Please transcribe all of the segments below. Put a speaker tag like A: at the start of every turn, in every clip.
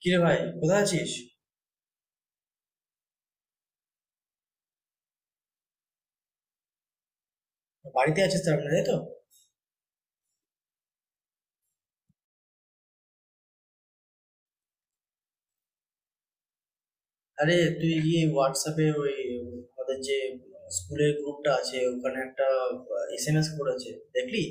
A: কিরে ভাই, কোথায় আছিস? বাড়িতে আছিস, তার মানে? তাই তো। আরে তুই গিয়ে হোয়াটসঅ্যাপে ওই আমাদের যে স্কুলের গ্রুপটা আছে, ওখানে একটা এসএমএস করেছে, দেখলি?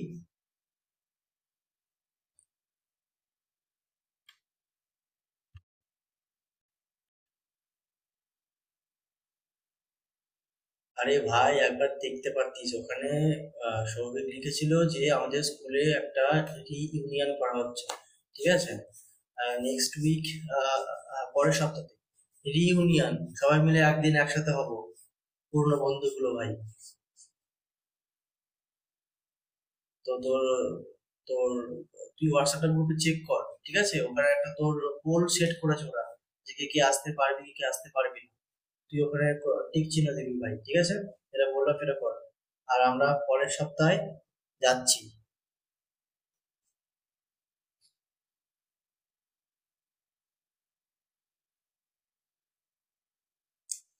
A: আরে ভাই, একবার দেখতে পারতিস। ওখানে সৌভিক লিখেছিল যে আমাদের স্কুলে একটা ইউনিয়ন করা হচ্ছে। ঠিক আছে, নেক্সট উইক, পরের সপ্তাহে রিইউনিয়ন। সবাই মিলে একদিন একসাথে হব, পুরনো বন্ধুগুলো ভাই। তো তোর তোর তুই হোয়াটসঅ্যাপের গ্রুপে চেক কর, ঠিক আছে? ওখানে একটা তোর পোল সেট করেছে ওরা, যে কে কে আসতে পারবি, কে কে আসতে পারবি না। তুই ওখানে টিক চিহ্ন দিবি ভাই, ঠিক আছে? এটা বললাম, এটা কর। আর আমরা পরের সপ্তাহে যাচ্ছি।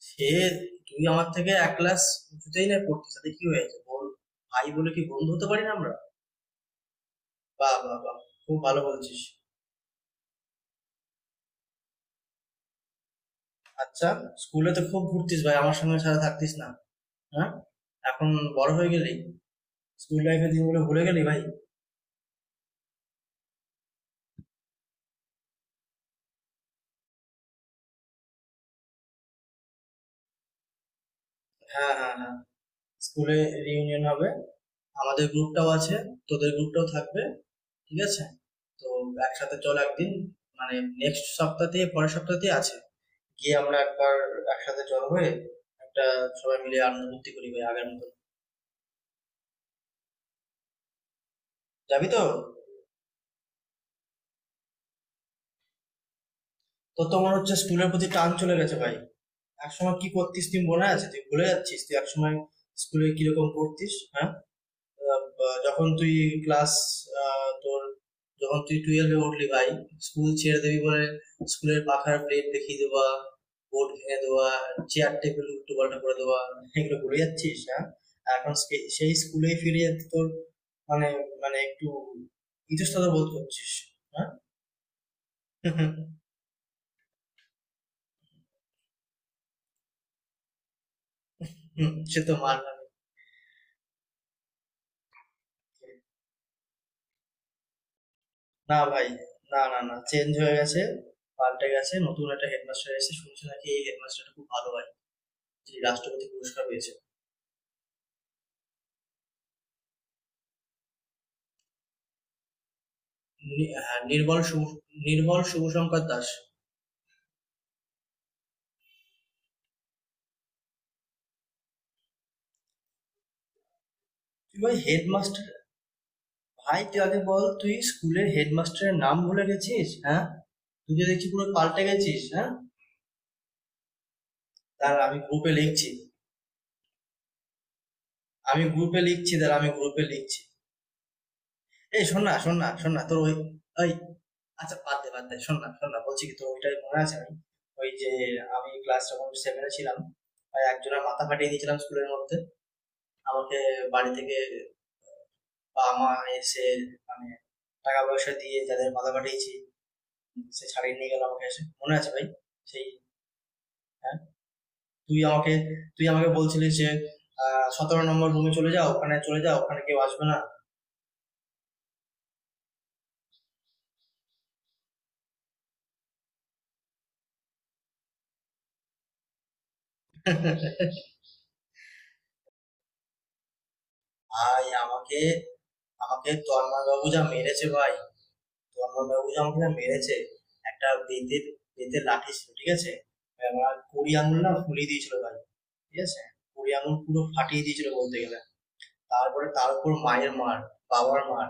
A: সে, তুই আমার থেকে এক ক্লাস উঁচুতেই না পড়তিস, তাতে কি হয়েছে বল? ভাই বলে কি বন্ধু হতে পারি না আমরা? বাহ বাহ বাহ, খুব ভালো বলছিস। আচ্ছা, স্কুলে তো খুব ঘুরতিস ভাই, আমার সঙ্গে সারা থাকতিস না? হ্যাঁ, এখন বড় হয়ে গেলি, স্কুল লাইফের দিনগুলো ভুলে গেলি ভাই। হ্যাঁ হ্যাঁ হ্যাঁ, স্কুলে রিউনিয়ন হবে। আমাদের গ্রুপটাও আছে, তোদের গ্রুপটাও থাকবে, ঠিক আছে? তো একসাথে চল একদিন, মানে নেক্সট সপ্তাহ থেকে পরের সপ্তাহ থেকে আছে। গিয়ে আমরা একবার একসাথে চল হয়ে একটা সবাই মিলে আনন্দ ফুর্তি করি ভাই, আগের মতন। যাবি তো? তোর তো মনে হচ্ছে স্কুলের প্রতি টান চলে গেছে ভাই। একসময় কি করতিস তুই মনে আছে? তুই ভুলে যাচ্ছিস, তুই একসময় স্কুলে কিরকম পড়তিস, হ্যাঁ? যখন তুই ক্লাস, তোর, যখন তুই টুয়েলভে উঠলি ভাই, স্কুল ছেড়ে দিবি বলে, স্কুলের পাখার প্লেট দেখিয়ে দেওয়া, বোর্ড ভেঙে দেওয়া, চেয়ার টেবিল উল্টো পাল্টা করে দেওয়া, এগুলো ভুলে যাচ্ছিস, হ্যাঁ? আর এখন সেই স্কুলেই ফিরে যেতে তোর মানে, মানে একটু ইতস্তত বোধ করছিস, হ্যাঁ? সে তো মার খাবে। না ভাই, না না না, চেঞ্জ হয়ে গেছে, পাল্টে গেছে, নতুন একটা হেডমাস্টার এসে। শুনছি নাকি এই হেডমাস্টারটা খুব ভালো ভাই, যে রাষ্ট্রপতি পুরস্কার পেয়েছে। হ্যাঁ, নির্মল শুভশঙ্কর দাস। তুই ভাই হেডমাস্টার, ভাই তুই আগে বল, তুই স্কুলের হেডমাস্টারের নাম ভুলে গেছিস, হ্যাঁ? তুই তো দেখছি পুরো পাল্টে গেছিস, হ্যাঁ? তার আমি গ্রুপে লিখছি, তার আমি গ্রুপে লিখছি। এই শোন না, তোর ওই, ওই, আচ্ছা বাদ দে, শোন না, বলছি কি তোর ওইটাই মনে আছে? আমি ওই যে, আমি ক্লাস যখন সেভেনে ছিলাম ভাই, একজনের মাথা ফাটিয়ে দিয়েছিলাম স্কুলের মধ্যে। আমাকে বাড়ি থেকে বাবা মা এসে, মানে, টাকা পয়সা দিয়ে, যাদের মাথা ফাটিয়েছি সে ছাড়িয়ে নিয়ে গেল আমাকে এসে, মনে আছে ভাই? সেই, হ্যাঁ, তুই আমাকে, তুই আমাকে বলছিলিস যে 17 নম্বর রুমে চলে যাও, ওখানে চলে যাও, ওখানে কেউ আসবে না। ভাই আমাকে, আমাকে তন্ময় বাবু যা মেরেছে ভাই, তন্ময় বাবু যা আমাকে যা মেরেছে! একটা বেতের বেতের লাঠি ছিল, ঠিক আছে? আমার 20 আঙুল না ফুলিয়ে দিয়েছিল ভাই, ঠিক আছে? 20 আঙুল পুরো ফাটিয়ে দিয়েছিল বলতে গেলে। তারপরে তার উপর মায়ের মার, বাবার মার।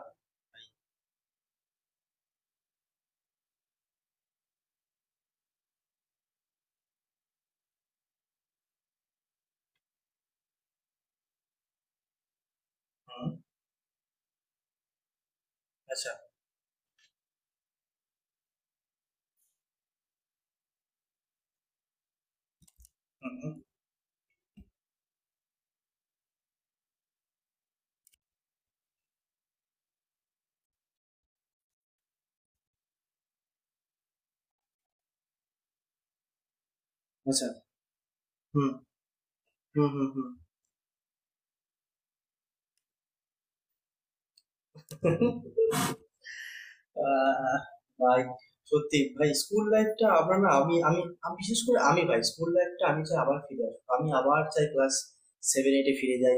A: হুম, আচ্ছা। হুম হুম। আচ্ছা। হুম হুম। হুম হুম। আহ, ভাই সত্যি ভাই, স্কুল লাইফটা আমরা না, আমি আমি আমি বিশেষ করে আমি ভাই, স্কুল লাইফটা আমি চাই আবার ফিরে আসবো। আমি আবার চাই ক্লাস সেভেন এইটে ফিরে যাই,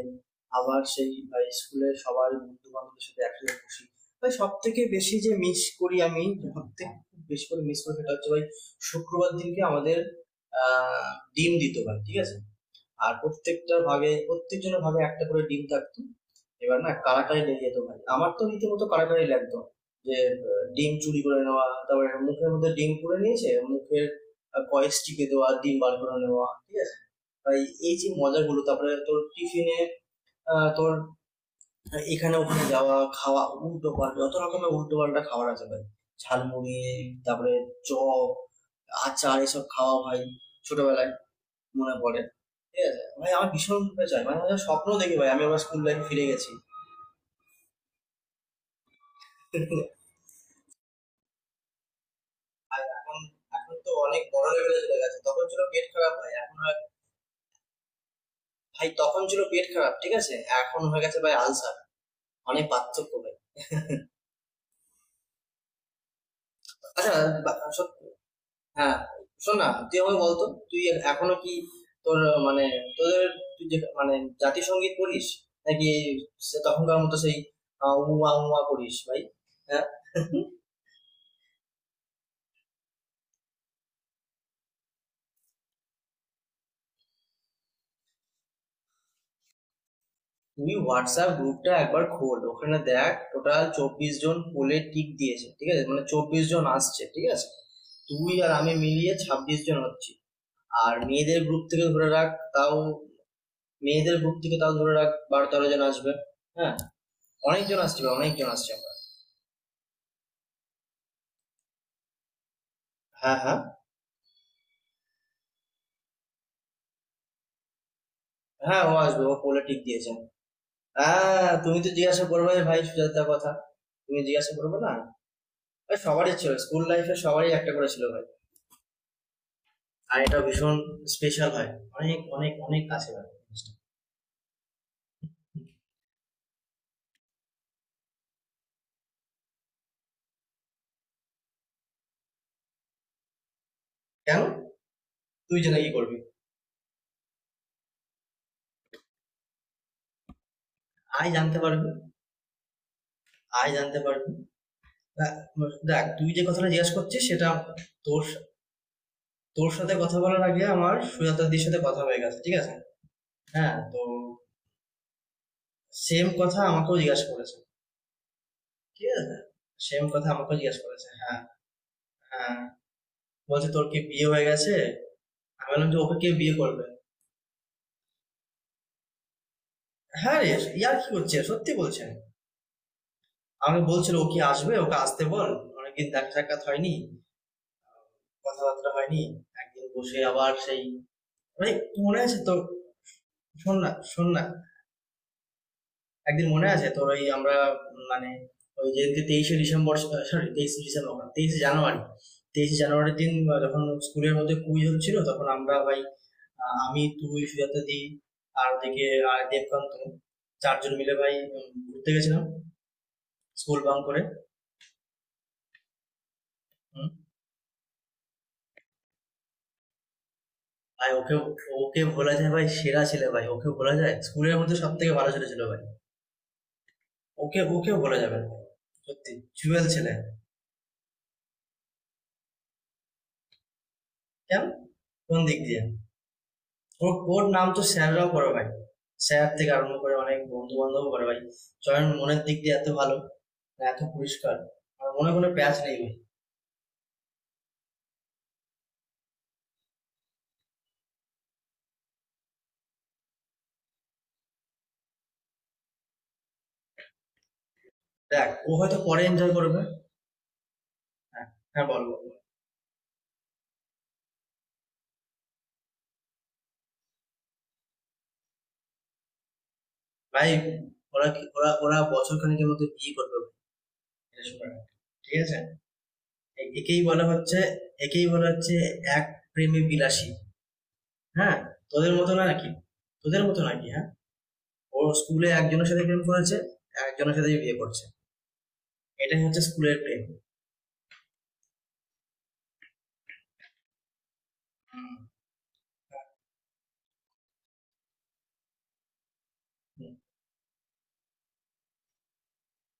A: আবার সেই ভাই স্কুলের সবার বন্ধু বান্ধবদের সাথে একসাথে বসি। ভাই সব থেকে বেশি যে মিস করি আমি, সব থেকে বেশি করে মিস করি, সেটা হচ্ছে ভাই শুক্রবার দিনকে আমাদের আহ ডিম দিত ভাই, ঠিক আছে? আর প্রত্যেকটা ভাগে, প্রত্যেকজনের ভাগে একটা করে ডিম থাকতো। এবার না কারাকারি লেগে যেত ভাই, আমার তো রীতিমতো কারাকারি লাগতো যে ডিম চুরি করে নেওয়া, তারপরে মুখের মধ্যে ডিম পুড়ে নিয়েছে, মুখের কয়েস টিপে দেওয়া, ডিম বার করে নেওয়া, ঠিক আছে? ভাই এই যে মজাগুলো, তারপরে তোর টিফিনে তোর এখানে ওখানে যাওয়া, খাওয়া উল্টো পাল্টা, যত রকমের উল্টো পাল্টা খাবার আছে ভাই, ঝালমুড়ি, তারপরে চপ, আচার এসব খাওয়া ভাই ছোটবেলায়, মনে পড়ে? ঠিক আছে ভাই, আমার ভীষণ রূপে চাই, মানে আমার স্বপ্ন দেখি ভাই আমি আমার স্কুল লাইফে ফিরে গেছি। আর এখন, এখন তো অনেক বড় লেভেলে চলে গেছে, তখন ছিল পেট খারাপ ভাই, এখন হয়-। ভাই তখন ছিল পেট খারাপ, ঠিক আছে, এখন হয়ে গেছে ভাই আলসার, অনেক পার্থক্য ভাই। আচ্ছা, সত্যি? হ্যাঁ, শোন না, তুই আমাকে বলতো, তুই এখনো কি তোর মানে তোদের, তুই যে মানে জাতীয় সঙ্গীত পড়িস নাকি সে তখনকার মতো সেই উমা উমা করিস ভাই, হ্যাঁ? তুই হোয়াটসঅ্যাপ গ্রুপটা একবার খোল, ওখানে দেখ, টোটাল 24 জন পোলে টিক দিয়েছে, ঠিক আছে? মানে 24 জন আসছে, ঠিক আছে? তুই আর আমি মিলিয়ে 26 জন হচ্ছি। আর মেয়েদের গ্রুপ থেকে ধরে রাখ, তাও মেয়েদের গ্রুপ থেকে তাও ধরে রাখ 12-13 জন আসবে। হ্যাঁ, অনেকজন আসছে ভাই, অনেকজন আসছে। আমরা, হ্যাঁ হ্যাঁ, হ্যাঁ ও আসবে, ও পোলে টিক দিয়েছে। হ্যাঁ, তুমি তো জিজ্ঞাসা করবে ভাই সুজাতার কথা, তুমি জিজ্ঞাসা করবে না? ভাই, সবারই ছিল স্কুল লাইফে, সবারই একটা করে ছিল ভাই। আর এটা ভীষণ স্পেশাল হয়, অনেক অনেক অনেক কাছে হয় জিনিসটা। কেন, তুই যেটা ইয়ে করবি? আয়, জানতে পারবি। আয়, জানতে পারবি। দেখ, দেখ তুই যে কথাটা জিজ্ঞেস করছিস সেটা, তোর, তোর সাথে কথা বলার আগে আমার সুজাতাদির সাথে কথা হয়ে গেছে, ঠিক আছে? হ্যাঁ, তো সেম কথা আমাকেও জিজ্ঞাসা করেছে, ঠিক আছে? সেম কথা আমাকেও জিজ্ঞাসা করেছে, হ্যাঁ। হ্যাঁ, বলছে তোর কি বিয়ে হয়ে গেছে। আমি বললাম যে ওকে কে বিয়ে করবে। হ্যাঁ রে, ইয়ার কি হচ্ছে, সত্যি বলছেন। আমাকে বলছিল ও কি আসবে, ওকে আসতে বল, অনেকদিন দেখা সাক্ষাৎ হয়নি, কথাবার্তা হয়নি, একদিন বসে আবার সেই মানে। মনে আছে তোর? শোন না শোন না একদিন মনে আছে তোর ওই আমরা মানে ওই যেদিনকে 23শে ডিসেম্বর, সরি 23শে ডিসেম্বর মানে 23শে জানুয়ারি, 23শে জানুয়ারির দিন যখন স্কুলের মধ্যে কুইজ হচ্ছিল তখন আমরা ভাই, আমি, তুই, সুজাতা দি আর ওদিকে আর দেবকান্ত, চারজন মিলে ভাই ঘুরতে গেছিলাম স্কুল বাং করে। হুম। ভাই ওকে, ওকে ভোলা যায় ভাই? সেরা ছেলে ভাই, ওকে ভোলা যায়? স্কুলের মধ্যে সব থেকে ভালো ছেলে ছিল ভাই, ওকে ওকে ভোলা যাবে না ভাই। সত্যি জুয়েল ছেলে। কেন, কোন দিক দিয়ে? ওর ওর নাম তো স্যাররাও করে ভাই, স্যার থেকে আরম্ভ করে অনেক বন্ধু বান্ধব করে ভাই। চয়ন মনের দিক দিয়ে এত ভালো, আর এত পরিষ্কার, আর মনে কোনো প্যাচ নেই ভাই। দেখ, ও হয়তো পরে এনজয় করবে। হ্যাঁ, হ্যাঁ বল বল। ভাই ওরা ওরা বছর খানিকের মধ্যে বিয়ে করবে ভাই, এটা শুনে রাখ। ঠিক আছে, একেই বলা হচ্ছে, একেই বলা হচ্ছে এক প্রেমে বিলাসী, হ্যাঁ। তোদের মতো না নাকি, তোদের মতো নাকি, হ্যাঁ? ও স্কুলে একজনের সাথে প্রেম করেছে, একজনের সাথে বিয়ে করছে, এটাই হচ্ছে স্কুলের প্রেম। হুম।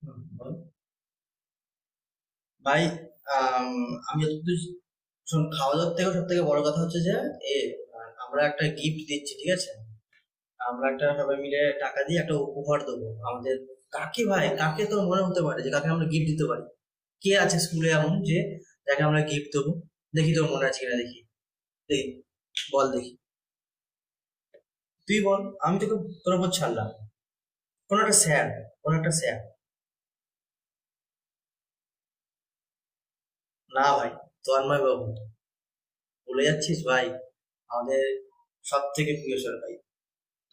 A: হুম, বল। ভাই, আম, আমি যতদূর, শোন, খাওয়া দাওয়ার থেকে সব থেকে বড় কথা হচ্ছে যে এ, আমরা একটা গিফট দিচ্ছি, ঠিক আছে? আমরা একটা, সবাই মিলে টাকা দিয়ে একটা উপহার দেবো আমাদের। কাকে ভাই, কাকে তোর মনে হতে পারে যে কাকে আমরা গিফট দিতে পারি? কে আছে স্কুলে এমন যে যাকে আমরা গিফট দেবো? দেখি তোর মনে আছে কিনা দেখি। এই বল দেখি। তুই বল, আমি তোকে, তোর উপর ছাড়লাম। কোনো একটা স্যার, কোনো একটা স্যার। না ভাই, তন্ময় বাবু, বলে যাচ্ছিস ভাই আমাদের সব থেকে প্রিয় স্যার ভাই।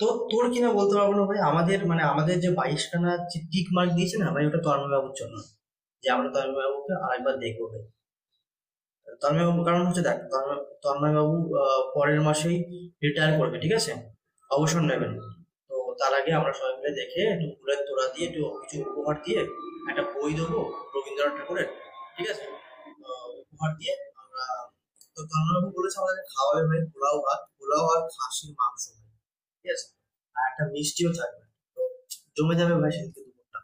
A: তো তোর কিনা বলতে পারবো না ভাই, আমাদের মানে আমাদের যে বাইশখানা টিক মার্ক দিয়েছে না ভাই, ওটা তন্ময় বাবুর জন্য, যে আমরা তন্ময় বাবুকে আরেকবার দেখবো ভাই। তন্ময়বাবু, কারণ হচ্ছে, দেখ, তন্ময়বাবু পরের মাসেই রিটায়ার করবে, ঠিক আছে? অবসর নেবেন। তো তার আগে আমরা সবাই মিলে দেখে একটু ফুলের তোড়া দিয়ে একটু কিছু উপহার দিয়ে একটা বই দেবো, রবীন্দ্রনাথ ঠাকুরের, ঠিক আছে? তো উপহার দিয়ে আমরা। তো তন্ময়বাবু বলেছে আমাদের খাওয়াবে ভাই, পোলাও ভাত, পোলাও আর খাসির মাংস, ঠিক আছে? আর একটা মিষ্টিও থাকবে। তো জমে যাবে ভাই সেদিকে দুপুরটা।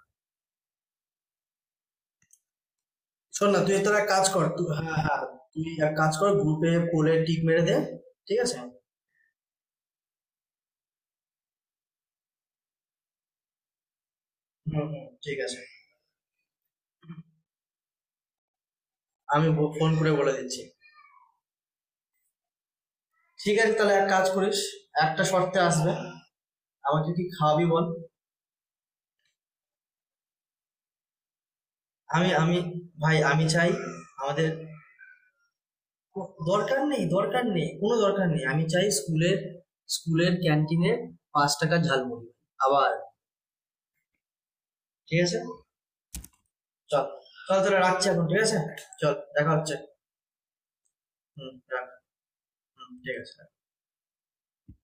A: শোন না, তুই তোরা কাজ কর তুই, হ্যাঁ হ্যাঁ, তুই এক কাজ কর, গ্রুপে কোলে টিক মেরে দে, ঠিক আছে? হুম হুম, ঠিক আছে। আমি ফোন করে বলে দিচ্ছি। ঠিক আছে তাহলে এক কাজ করিস, একটা শর্তে আসবে, আমাকে কি খাওয়াবি বল। আমি আমি ভাই আমি চাই আমাদের, দরকার নেই, দরকার নেই, কোনো দরকার নেই, আমি চাই স্কুলের, স্কুলের ক্যান্টিনে 5 টাকার ঝালমুড়ি আবার, ঠিক আছে? চল, চল তাহলে রাখছি এখন, ঠিক আছে। চল, দেখা হচ্ছে। হুম, রাখ। হুম, ঠিক আছে।